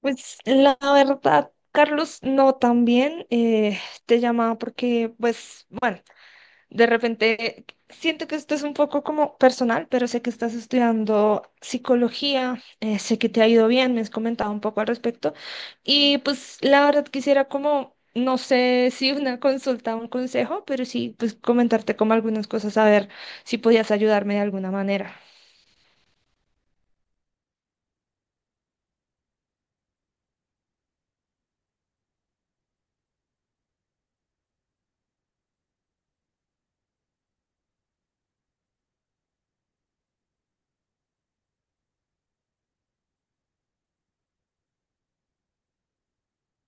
Pues la verdad, Carlos, no tan bien. Te llamaba porque, pues, bueno, de repente siento que esto es un poco como personal, pero sé que estás estudiando psicología. Sé que te ha ido bien, me has comentado un poco al respecto. Y pues la verdad quisiera como, no sé si una consulta o un consejo, pero sí, pues comentarte como algunas cosas, a ver si podías ayudarme de alguna manera.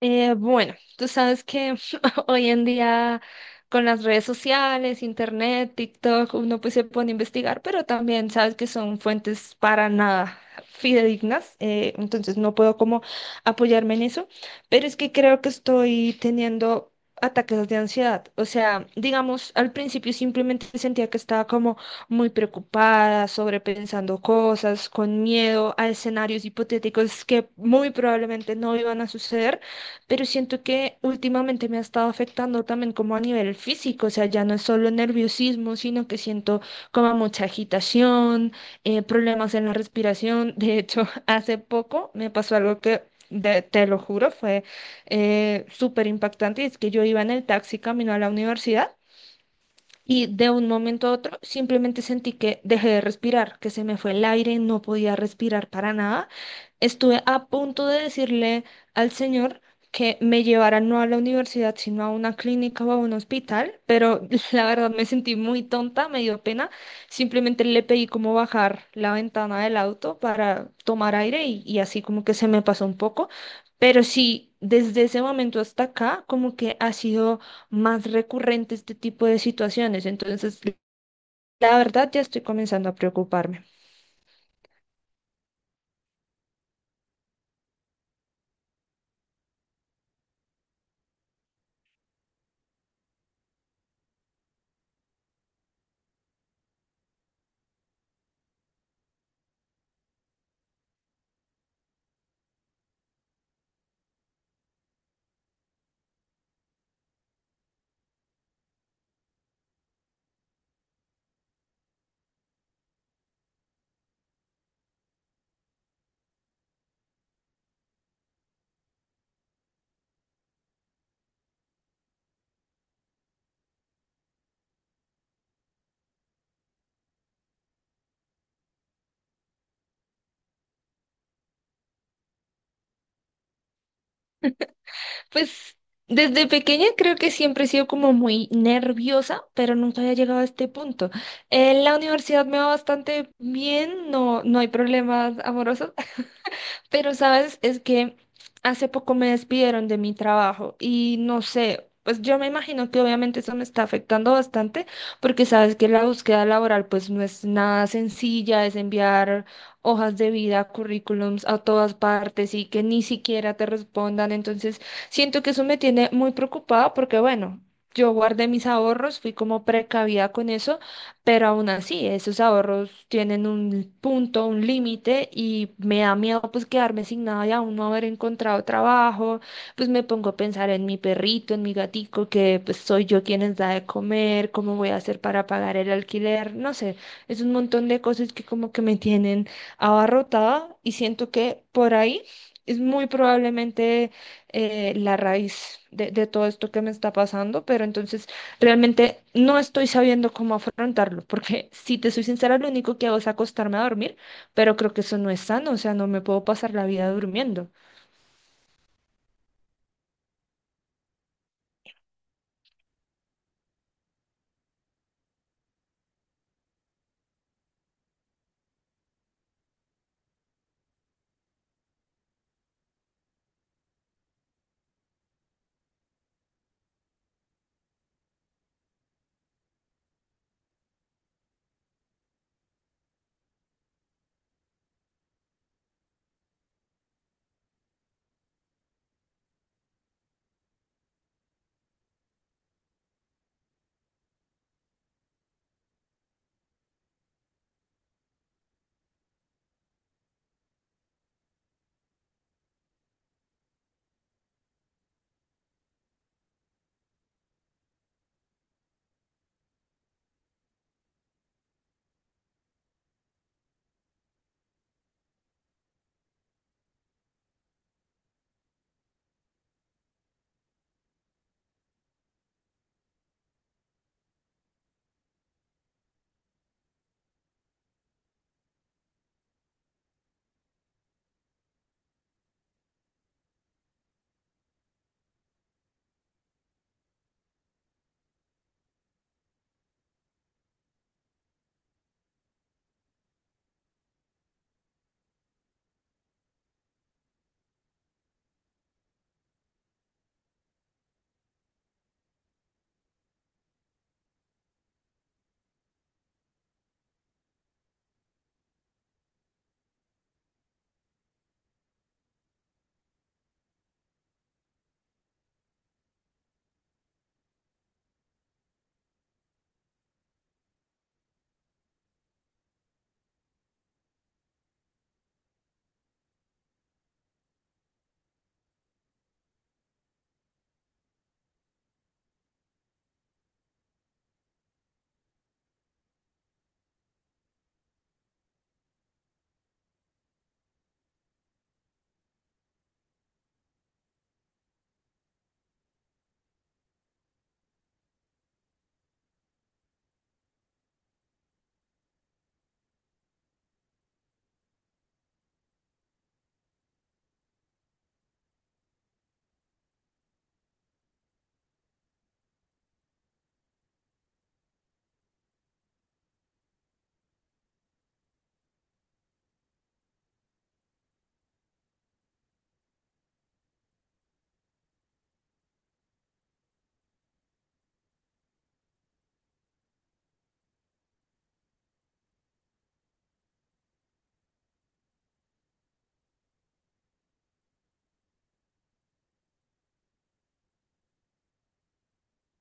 Bueno, tú sabes que hoy en día con las redes sociales, internet, TikTok, uno pues se pone a investigar, pero también sabes que son fuentes para nada fidedignas. Entonces no puedo como apoyarme en eso, pero es que creo que estoy teniendo ataques de ansiedad. O sea, digamos, al principio simplemente sentía que estaba como muy preocupada, sobrepensando cosas, con miedo a escenarios hipotéticos que muy probablemente no iban a suceder, pero siento que últimamente me ha estado afectando también como a nivel físico. O sea, ya no es solo nerviosismo, sino que siento como mucha agitación. Problemas en la respiración. De hecho, hace poco me pasó algo que... te lo juro, fue súper impactante. Es que yo iba en el taxi camino a la universidad y de un momento a otro simplemente sentí que dejé de respirar, que se me fue el aire, no podía respirar para nada. Estuve a punto de decirle al señor que me llevara no a la universidad, sino a una clínica o a un hospital, pero la verdad me sentí muy tonta, me dio pena. Simplemente le pedí como bajar la ventana del auto para tomar aire y, así como que se me pasó un poco. Pero sí, desde ese momento hasta acá, como que ha sido más recurrente este tipo de situaciones. Entonces, la verdad, ya estoy comenzando a preocuparme. Pues desde pequeña creo que siempre he sido como muy nerviosa, pero nunca había llegado a este punto. En la universidad me va bastante bien, no, no hay problemas amorosos. Pero, ¿sabes? Es que hace poco me despidieron de mi trabajo y no sé, pues yo me imagino que obviamente eso me está afectando bastante porque sabes que la búsqueda laboral pues no es nada sencilla, es enviar hojas de vida, currículums a todas partes y que ni siquiera te respondan. Entonces, siento que eso me tiene muy preocupada porque, bueno, yo guardé mis ahorros, fui como precavida con eso, pero aún así, esos ahorros tienen un punto, un límite y me da miedo pues quedarme sin nada y aún no haber encontrado trabajo. Pues me pongo a pensar en mi perrito, en mi gatico, que pues soy yo quien les da de comer, cómo voy a hacer para pagar el alquiler, no sé, es un montón de cosas que como que me tienen abarrotada y siento que por ahí es muy probablemente la raíz de todo esto que me está pasando, pero entonces... Realmente no estoy sabiendo cómo afrontarlo, porque si te soy sincera, lo único que hago es acostarme a dormir, pero creo que eso no es sano. O sea, no me puedo pasar la vida durmiendo.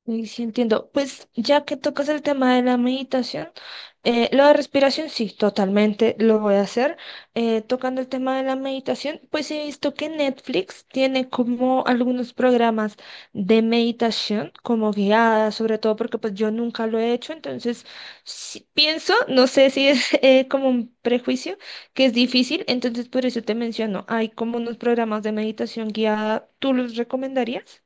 Sí, sí, entiendo. Pues ya que tocas el tema de la meditación, lo de respiración sí, totalmente lo voy a hacer. Tocando el tema de la meditación, pues he visto que Netflix tiene como algunos programas de meditación como guiadas, sobre todo porque pues yo nunca lo he hecho, entonces sí pienso, no sé si es como un prejuicio, que es difícil, entonces por eso te menciono, hay como unos programas de meditación guiada, ¿tú los recomendarías?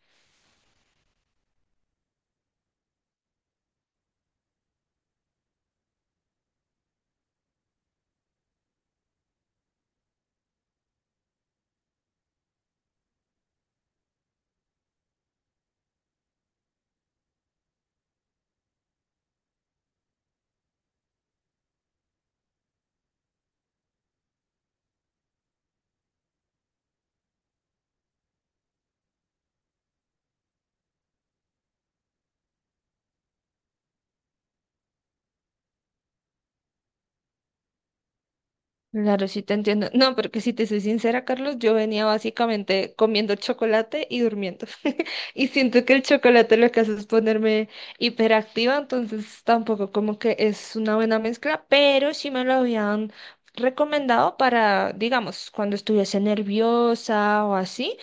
Claro, sí te entiendo. No, porque si te soy sincera, Carlos, yo venía básicamente comiendo chocolate y durmiendo. Y siento que el chocolate lo que hace es ponerme hiperactiva, entonces tampoco como que es una buena mezcla, pero sí me lo habían recomendado para, digamos, cuando estuviese nerviosa o así.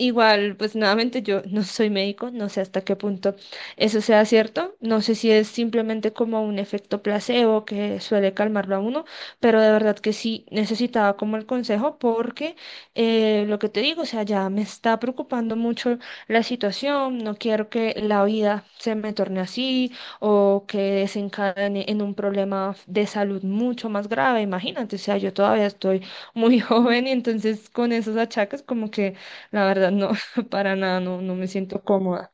Igual, pues nuevamente yo no soy médico, no sé hasta qué punto eso sea cierto, no sé si es simplemente como un efecto placebo que suele calmarlo a uno, pero de verdad que sí necesitaba como el consejo porque lo que te digo, o sea, ya me está preocupando mucho la situación, no quiero que la vida se me torne así o que desencadene en un problema de salud mucho más grave, imagínate, o sea, yo todavía estoy muy joven y entonces con esos achaques como que la verdad, no, para nada, no, no me siento cómoda.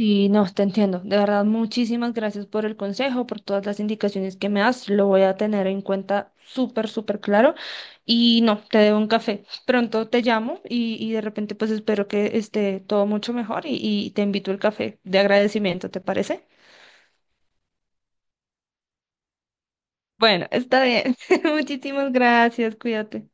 Y no, te entiendo. De verdad, muchísimas gracias por el consejo, por todas las indicaciones que me das. Lo voy a tener en cuenta súper, súper claro. Y no, te debo un café. Pronto te llamo y, de repente pues espero que esté todo mucho mejor y te invito al café de agradecimiento, ¿te parece? Bueno, está bien. Muchísimas gracias, cuídate.